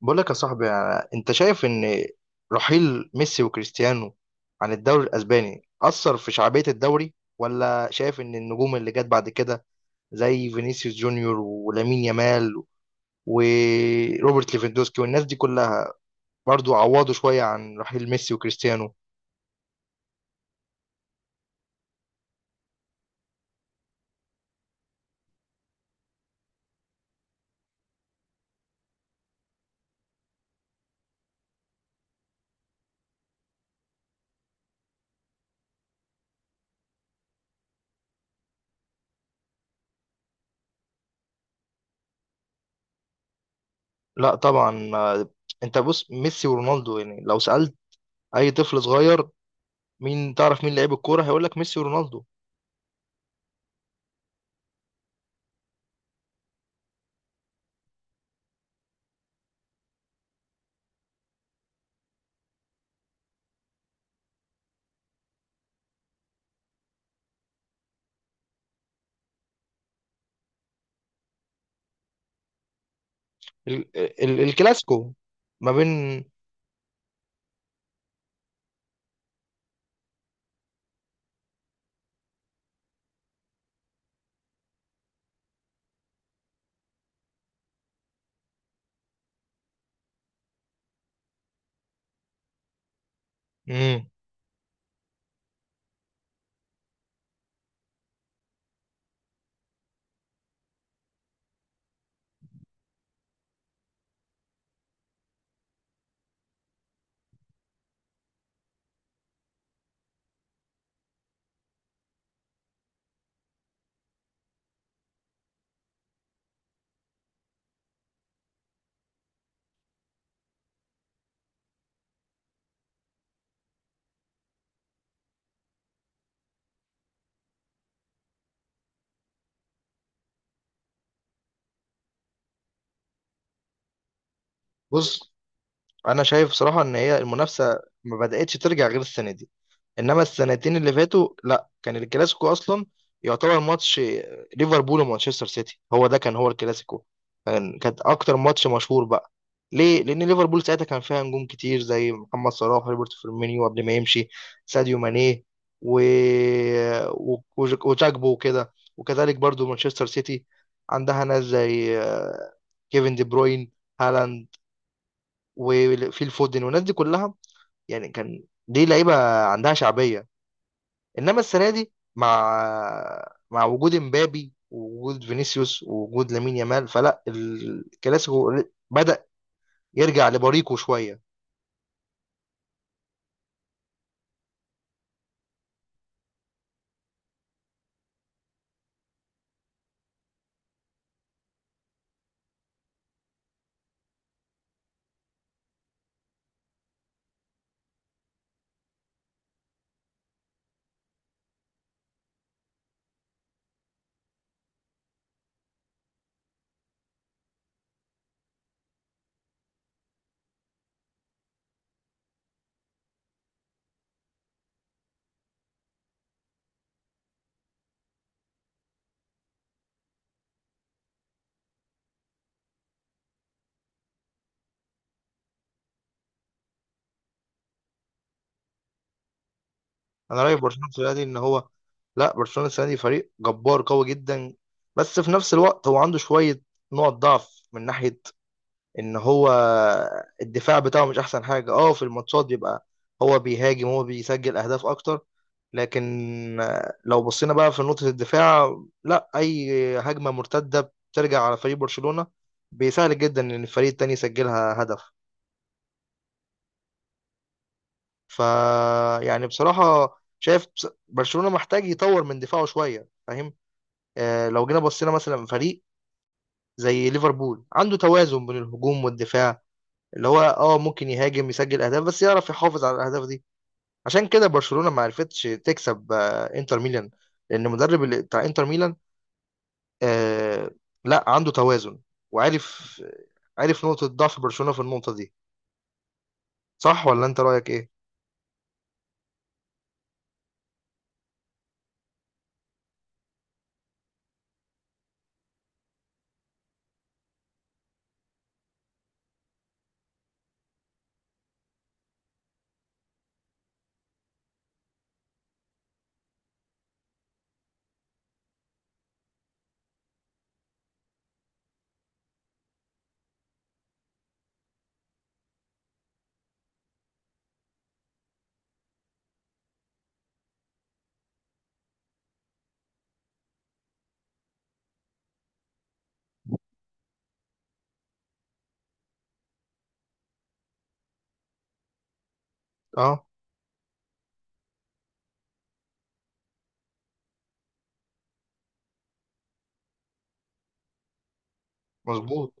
بقول لك يا صاحبي، انت شايف ان رحيل ميسي وكريستيانو عن الدوري الاسباني اثر في شعبية الدوري، ولا شايف ان النجوم اللي جت بعد كده زي فينيسيوس جونيور ولامين يامال وروبرت ليفاندوسكي والناس دي كلها برضو عوضوا شوية عن رحيل ميسي وكريستيانو؟ لا طبعا، آه. انت بص، ميسي ورونالدو، يعني لو سألت اي طفل صغير مين تعرف مين لعيب الكورة هيقول لك ميسي ورونالدو. ال ال الكلاسيكو ما بين. مم. بص، انا شايف بصراحه ان هي المنافسه ما بداتش ترجع غير السنه دي، انما السنتين اللي فاتوا لا، كان الكلاسيكو اصلا يعتبر ماتش ليفربول ومانشستر سيتي، هو ده كان هو الكلاسيكو. كانت اكتر ماتش مشهور بقى. ليه؟ لان ليفربول ساعتها كان فيها نجوم كتير زي محمد صلاح، روبرت فيرمينيو قبل ما يمشي، ساديو ماني، و... وجاكبو وكده. وكذلك برضو مانشستر سيتي عندها ناس زي كيفن دي بروين، هالاند، وفيل فودن والناس دي كلها. يعني كان دي لعيبه عندها شعبيه. انما السنه دي، مع وجود امبابي ووجود فينيسيوس ووجود لامين يامال، فلا الكلاسيكو بدأ يرجع لبريقه شويه. انا رايي في برشلونه السنه دي ان هو، لا، برشلونه السنه دي فريق جبار قوي جدا، بس في نفس الوقت هو عنده شويه نقط ضعف من ناحيه ان هو الدفاع بتاعه مش احسن حاجه. اه، في الماتشات بيبقى هو بيهاجم، هو بيسجل اهداف اكتر، لكن لو بصينا بقى في نقطه الدفاع، لا، اي هجمه مرتده بترجع على فريق برشلونه بيسهل جدا ان الفريق التاني يسجلها هدف. ف يعني بصراحه شايف برشلونه محتاج يطور من دفاعه شويه، فاهم؟ لو جينا بصينا مثلا فريق زي ليفربول، عنده توازن بين الهجوم والدفاع، اللي هو اه ممكن يهاجم يسجل اهداف بس يعرف يحافظ على الاهداف دي. عشان كده برشلونة ما عرفتش تكسب انتر ميلان، لان المدرب بتاع انتر ميلان، آه لا، عنده توازن، وعارف عارف نقطة ضعف برشلونة في النقطة دي. صح ولا انت رأيك ايه؟ اه، مظبوط.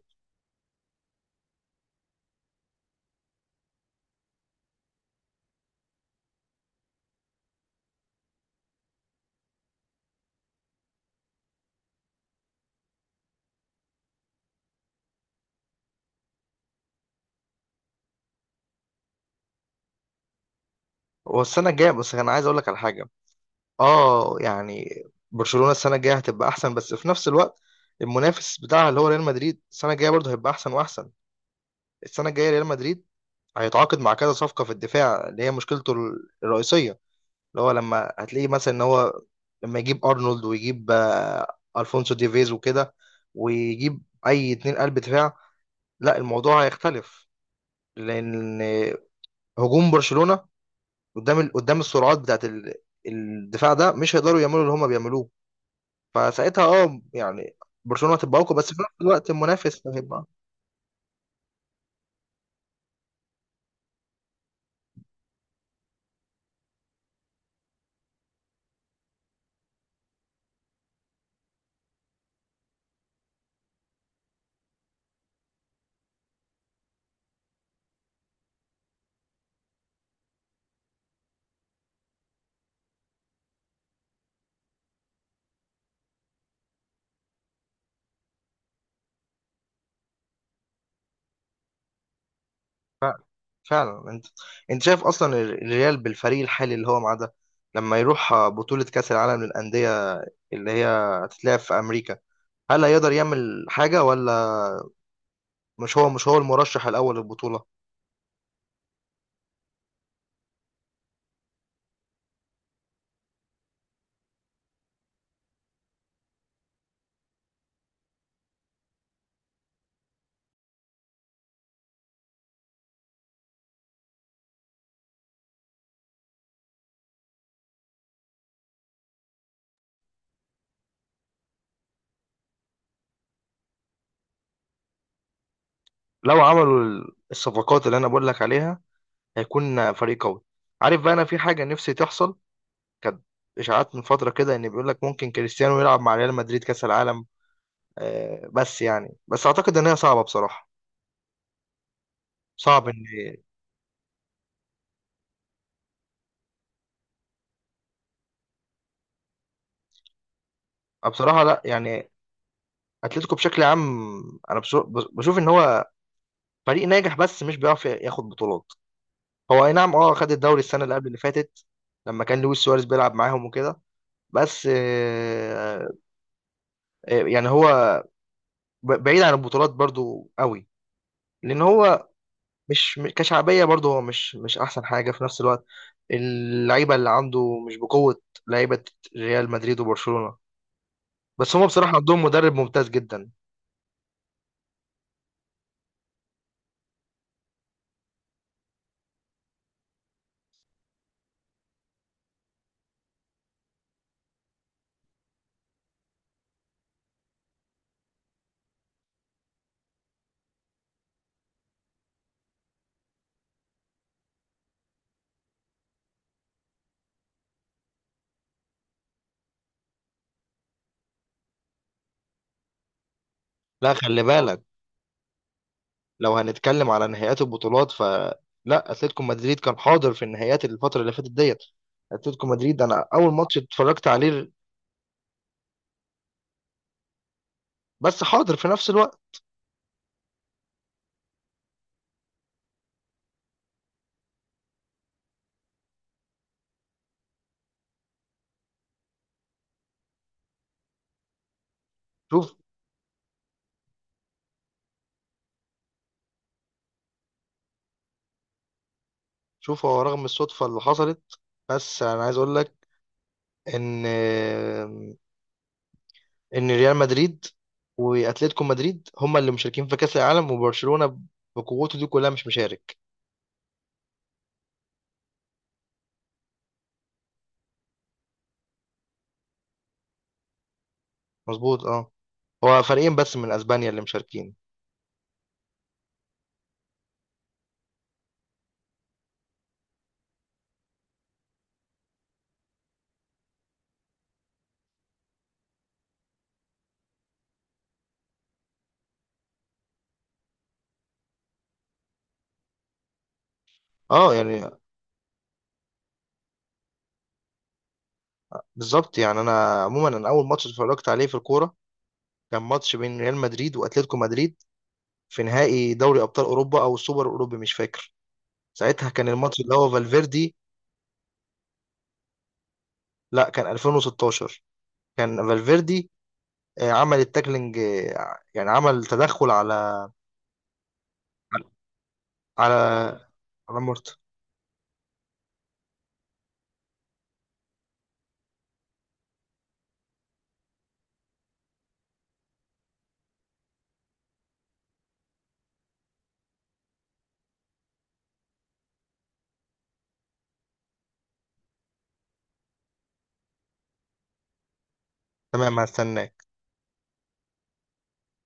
هو السنة الجاية، بس انا عايز اقول لك على حاجة. اه يعني، برشلونة السنة الجاية هتبقى احسن، بس في نفس الوقت المنافس بتاعها اللي هو ريال مدريد السنة الجاية برضه هيبقى احسن واحسن. السنة الجاية ريال مدريد هيتعاقد مع كذا صفقة في الدفاع اللي هي مشكلته الرئيسية، اللي هو لما هتلاقيه مثلا ان هو لما يجيب ارنولد، ويجيب الفونسو ديفيز وكده، ويجيب اي اتنين قلب دفاع، لا، الموضوع هيختلف، لان هجوم برشلونة قدام قدام السرعات بتاعت الدفاع ده مش هيقدروا يعملوا اللي هما بيعملوه. فساعتها اه يعني برشلونة هتبقى اقوى، بس في نفس الوقت المنافس هيبقى. فعلا. انت شايف اصلا الريال بالفريق الحالي اللي هو معاه ده لما يروح بطولة كأس العالم للأندية، اللي هي هتتلعب في أمريكا، هل هيقدر يعمل حاجة ولا؟ مش هو المرشح الأول للبطولة. لو عملوا الصفقات اللي أنا بقول لك عليها هيكون فريق قوي. عارف بقى أنا في حاجة نفسي تحصل؟ كانت إشاعات من فترة كده إن بيقول لك ممكن كريستيانو يلعب مع ريال مدريد كأس العالم. بس يعني، بس أعتقد إن هي صعبة بصراحة. صعب إن. بصراحة لا يعني، اتلتيكو بشكل عام، انا بشوف ان هو فريق ناجح بس مش بيعرف ياخد بطولات. هو اي نعم، اه، خد الدوري السنه اللي قبل اللي فاتت لما كان لويس سواريز بيلعب معاهم وكده، بس يعني هو بعيد عن البطولات برضو قوي، لان هو مش م- كشعبيه برضو هو مش احسن حاجه في نفس الوقت. اللعيبه اللي عنده مش بقوه لعيبه ريال مدريد وبرشلونه، بس هم بصراحه عندهم مدرب ممتاز جدا. لا، خلي بالك، لو هنتكلم على نهائيات البطولات فلا، اتلتيكو مدريد كان حاضر في النهائيات الفتره اللي فاتت ديت. اتلتيكو مدريد، انا اول ماتش اتفرجت عليه. بس حاضر في نفس الوقت. شوف شوف هو رغم الصدفه اللي حصلت، بس انا عايز اقول لك ان ان ريال مدريد واتلتيكو مدريد هما اللي مشاركين في كاس العالم، وبرشلونه بقوته دي كلها مش مشارك. مظبوط اه. هو فريقين بس من اسبانيا اللي مشاركين. اه يعني، بالظبط. يعني انا عموما، انا اول ماتش اتفرجت عليه في الكوره كان ماتش بين ريال مدريد واتلتيكو مدريد في نهائي دوري ابطال اوروبا او السوبر الاوروبي، مش فاكر. ساعتها كان الماتش اللي هو فالفيردي. لا، كان 2016. كان فالفيردي عمل التاكلينج، آه يعني عمل تدخل على على على مورتا. تمام، هستنى.